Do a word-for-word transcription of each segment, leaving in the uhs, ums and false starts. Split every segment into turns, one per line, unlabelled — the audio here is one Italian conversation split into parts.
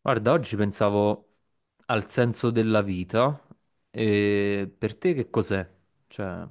Guarda, oggi pensavo al senso della vita e per te che cos'è? Cioè,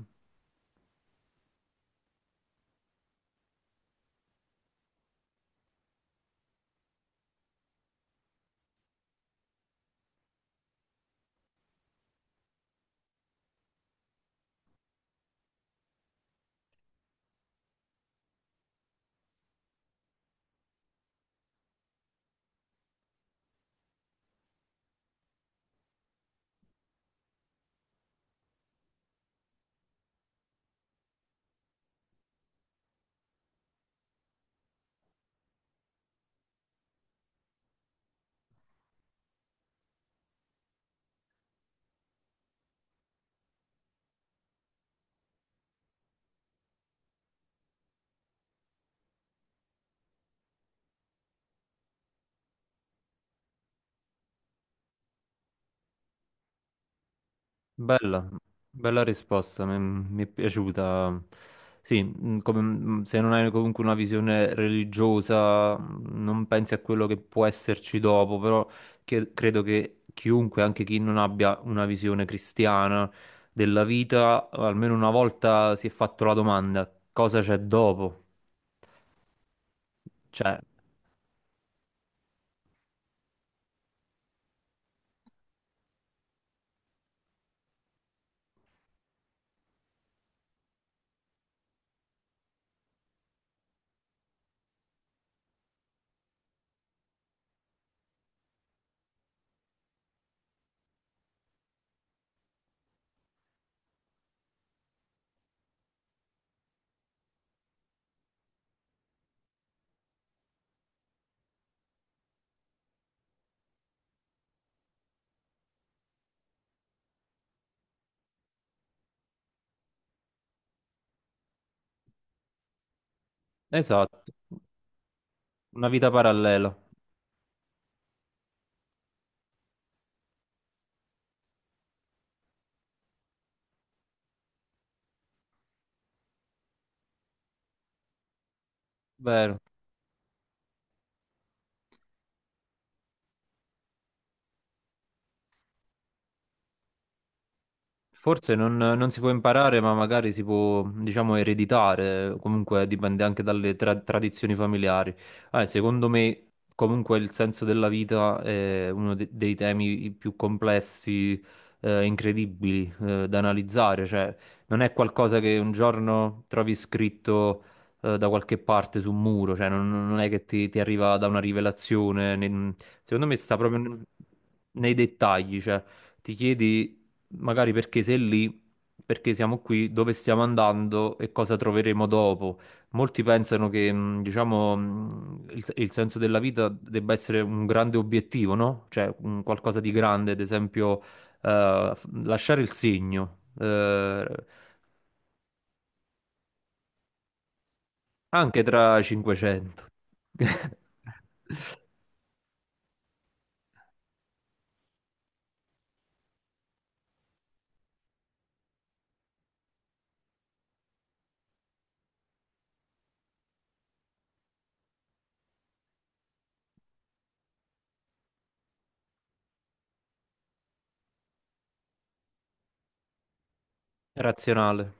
Bella, bella risposta, mi, mi è piaciuta. Sì, mh, come- mh, se non hai comunque una visione religiosa, mh, non pensi a quello che può esserci dopo, però che- credo che chiunque, anche chi non abbia una visione cristiana della vita, almeno una volta si è fatto la domanda, cosa c'è dopo? Cioè, esatto. Una vita parallela, vero. Forse non, non si può imparare, ma magari si può, diciamo, ereditare, comunque dipende anche dalle tra- tradizioni familiari. Eh, secondo me, comunque, il senso della vita è uno de- dei temi più complessi, eh, incredibili, eh, da analizzare, cioè non è qualcosa che un giorno trovi scritto, eh, da qualche parte su un muro, cioè non, non è che ti, ti arriva da una rivelazione, né- secondo me sta proprio n- nei dettagli, cioè ti chiedi magari perché sei lì, perché siamo qui, dove stiamo andando e cosa troveremo dopo. Molti pensano che, mh, diciamo, mh, il, il senso della vita debba essere un grande obiettivo, no? Cioè, un qualcosa di grande, ad esempio, eh, f- lasciare il segno, eh, anche tra cinquecento. Razionale.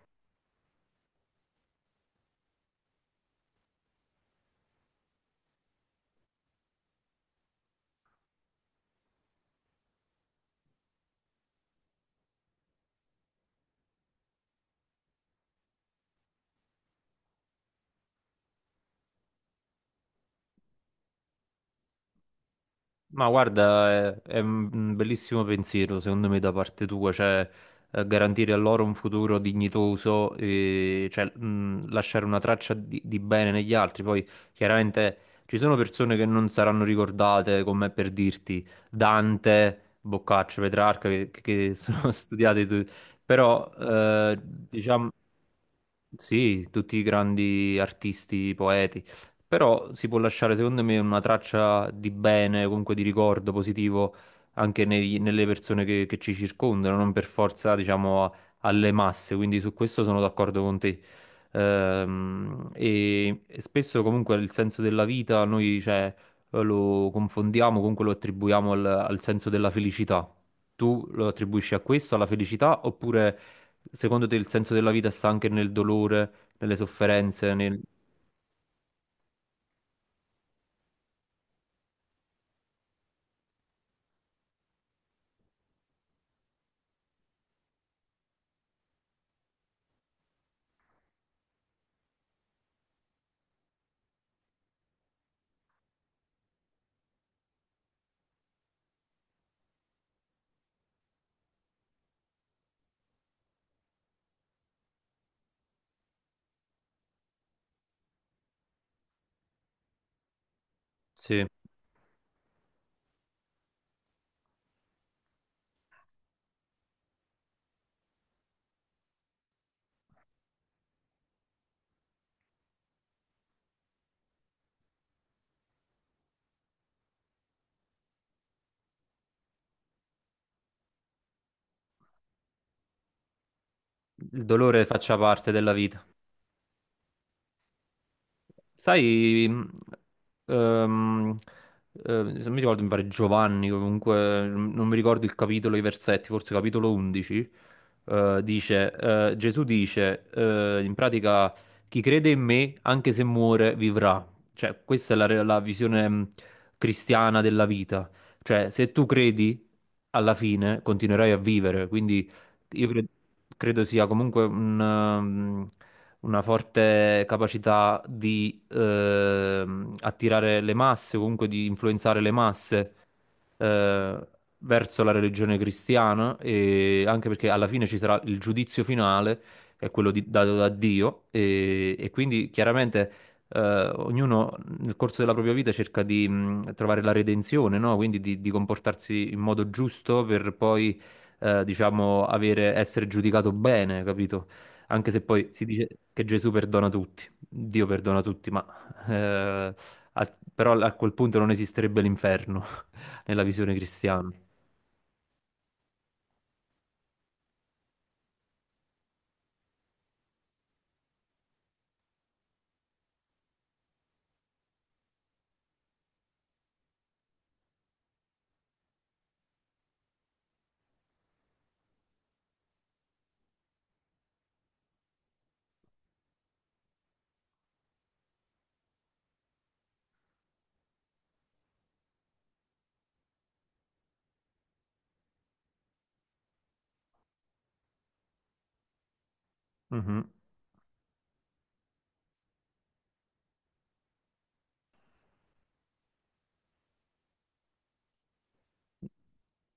Ma guarda, è, è un bellissimo pensiero, secondo me, da parte tua, cioè eh, garantire a loro un futuro dignitoso, e, cioè, mh, lasciare una traccia di, di bene negli altri. Poi, chiaramente, ci sono persone che non saranno ricordate, come per dirti Dante, Boccaccio, Petrarca, che, che sono studiati, tu- però, eh, diciamo sì, tutti i grandi artisti, poeti, però si può lasciare secondo me una traccia di bene, comunque di ricordo positivo anche nei- nelle persone che, che ci circondano, non per forza, diciamo, a- alle masse, quindi su questo sono d'accordo con te. Ehm, e, e spesso comunque il senso della vita noi, cioè, lo confondiamo, comunque lo attribuiamo al al senso della felicità tu lo attribuisci a questo, alla felicità, oppure secondo te il senso della vita sta anche nel dolore, nelle sofferenze, nel... Sì, il dolore faccia parte della vita. Sai, mh, ehm, eh, se mi ricordo, mi pare Giovanni, comunque, mh, non mi ricordo il capitolo, i versetti, forse capitolo undici, eh, dice, eh, Gesù dice, eh, in pratica, chi crede in me, anche se muore, vivrà. Cioè, questa è la, re- la visione mh, cristiana della vita. Cioè, se tu credi, alla fine continuerai a vivere, quindi io cre- credo sia comunque un, um, una forte capacità di ehm, attirare le masse, o comunque di influenzare le masse eh, verso la religione cristiana, e anche perché alla fine ci sarà il giudizio finale, che è quello di- dato da Dio, e, e quindi chiaramente eh, ognuno nel corso della propria vita cerca di mh, trovare la redenzione, no? Quindi di, di comportarsi in modo giusto per poi eh, diciamo, avere, essere giudicato bene, capito? Anche se poi si dice che Gesù perdona tutti, Dio perdona tutti, ma eh, a- però a quel punto non esisterebbe l'inferno nella visione cristiana. Mhm,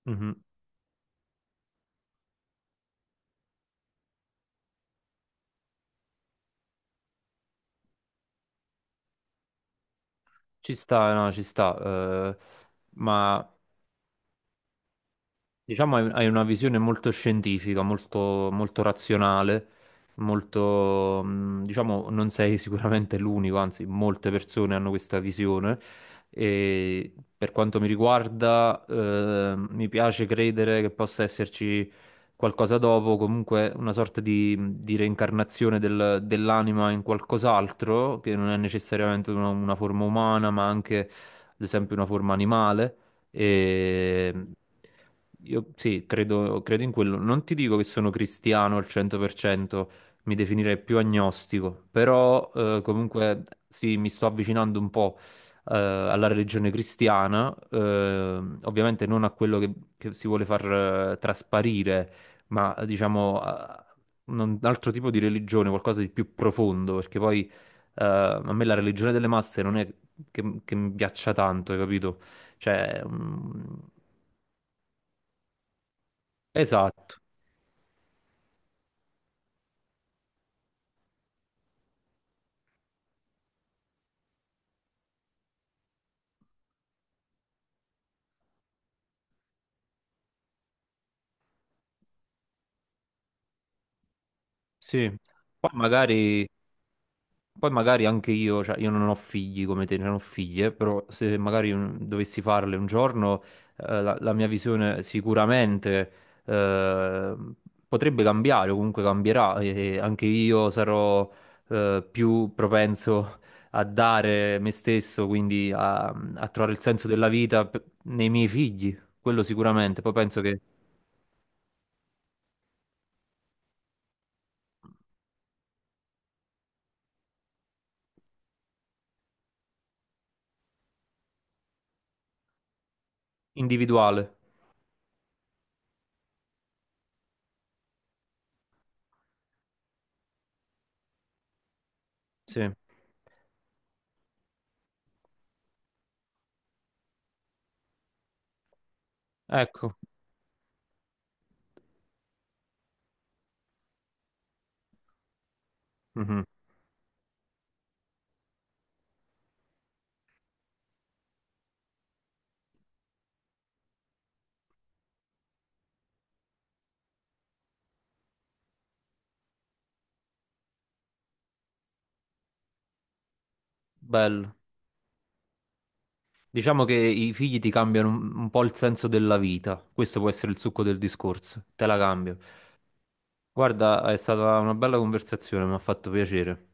mhm. Ci sta, no, ci sta. eh, ma Diciamo hai hai una visione molto scientifica, molto, molto razionale, molto, mh, diciamo, non sei sicuramente l'unico, anzi, molte persone hanno questa visione. E per quanto mi riguarda, eh, mi piace credere che possa esserci qualcosa dopo, comunque una sorta di, di reincarnazione del- dell'anima in qualcos'altro, che non è necessariamente una una forma umana, ma anche, ad esempio, una forma animale. E io sì, credo, credo in quello. Non ti dico che sono cristiano al cento per cento, mi definirei più agnostico, però eh, comunque sì, mi sto avvicinando un po' eh, alla religione cristiana, eh, ovviamente non a quello che, che si vuole far eh, trasparire, ma diciamo a un un altro tipo di religione, qualcosa di più profondo, perché poi eh, a me la religione delle masse non è che, che mi piaccia tanto, hai capito? Cioè, mm, esatto, sì. Poi magari, poi magari anche io, cioè io non ho figli come te, non ho figlie, però se magari un- dovessi farle un giorno, eh, la, la mia visione sicuramente eh, potrebbe cambiare, o comunque cambierà, e anche io sarò eh, più propenso a dare me stesso, quindi a, a trovare il senso della vita p- nei miei figli, quello sicuramente, poi penso che individuale, sì. Ecco, mhm. Bello. Diciamo che i figli ti cambiano un, un po' il senso della vita. Questo può essere il succo del discorso. Te la cambio. Guarda, è stata una bella conversazione, mi ha fatto piacere.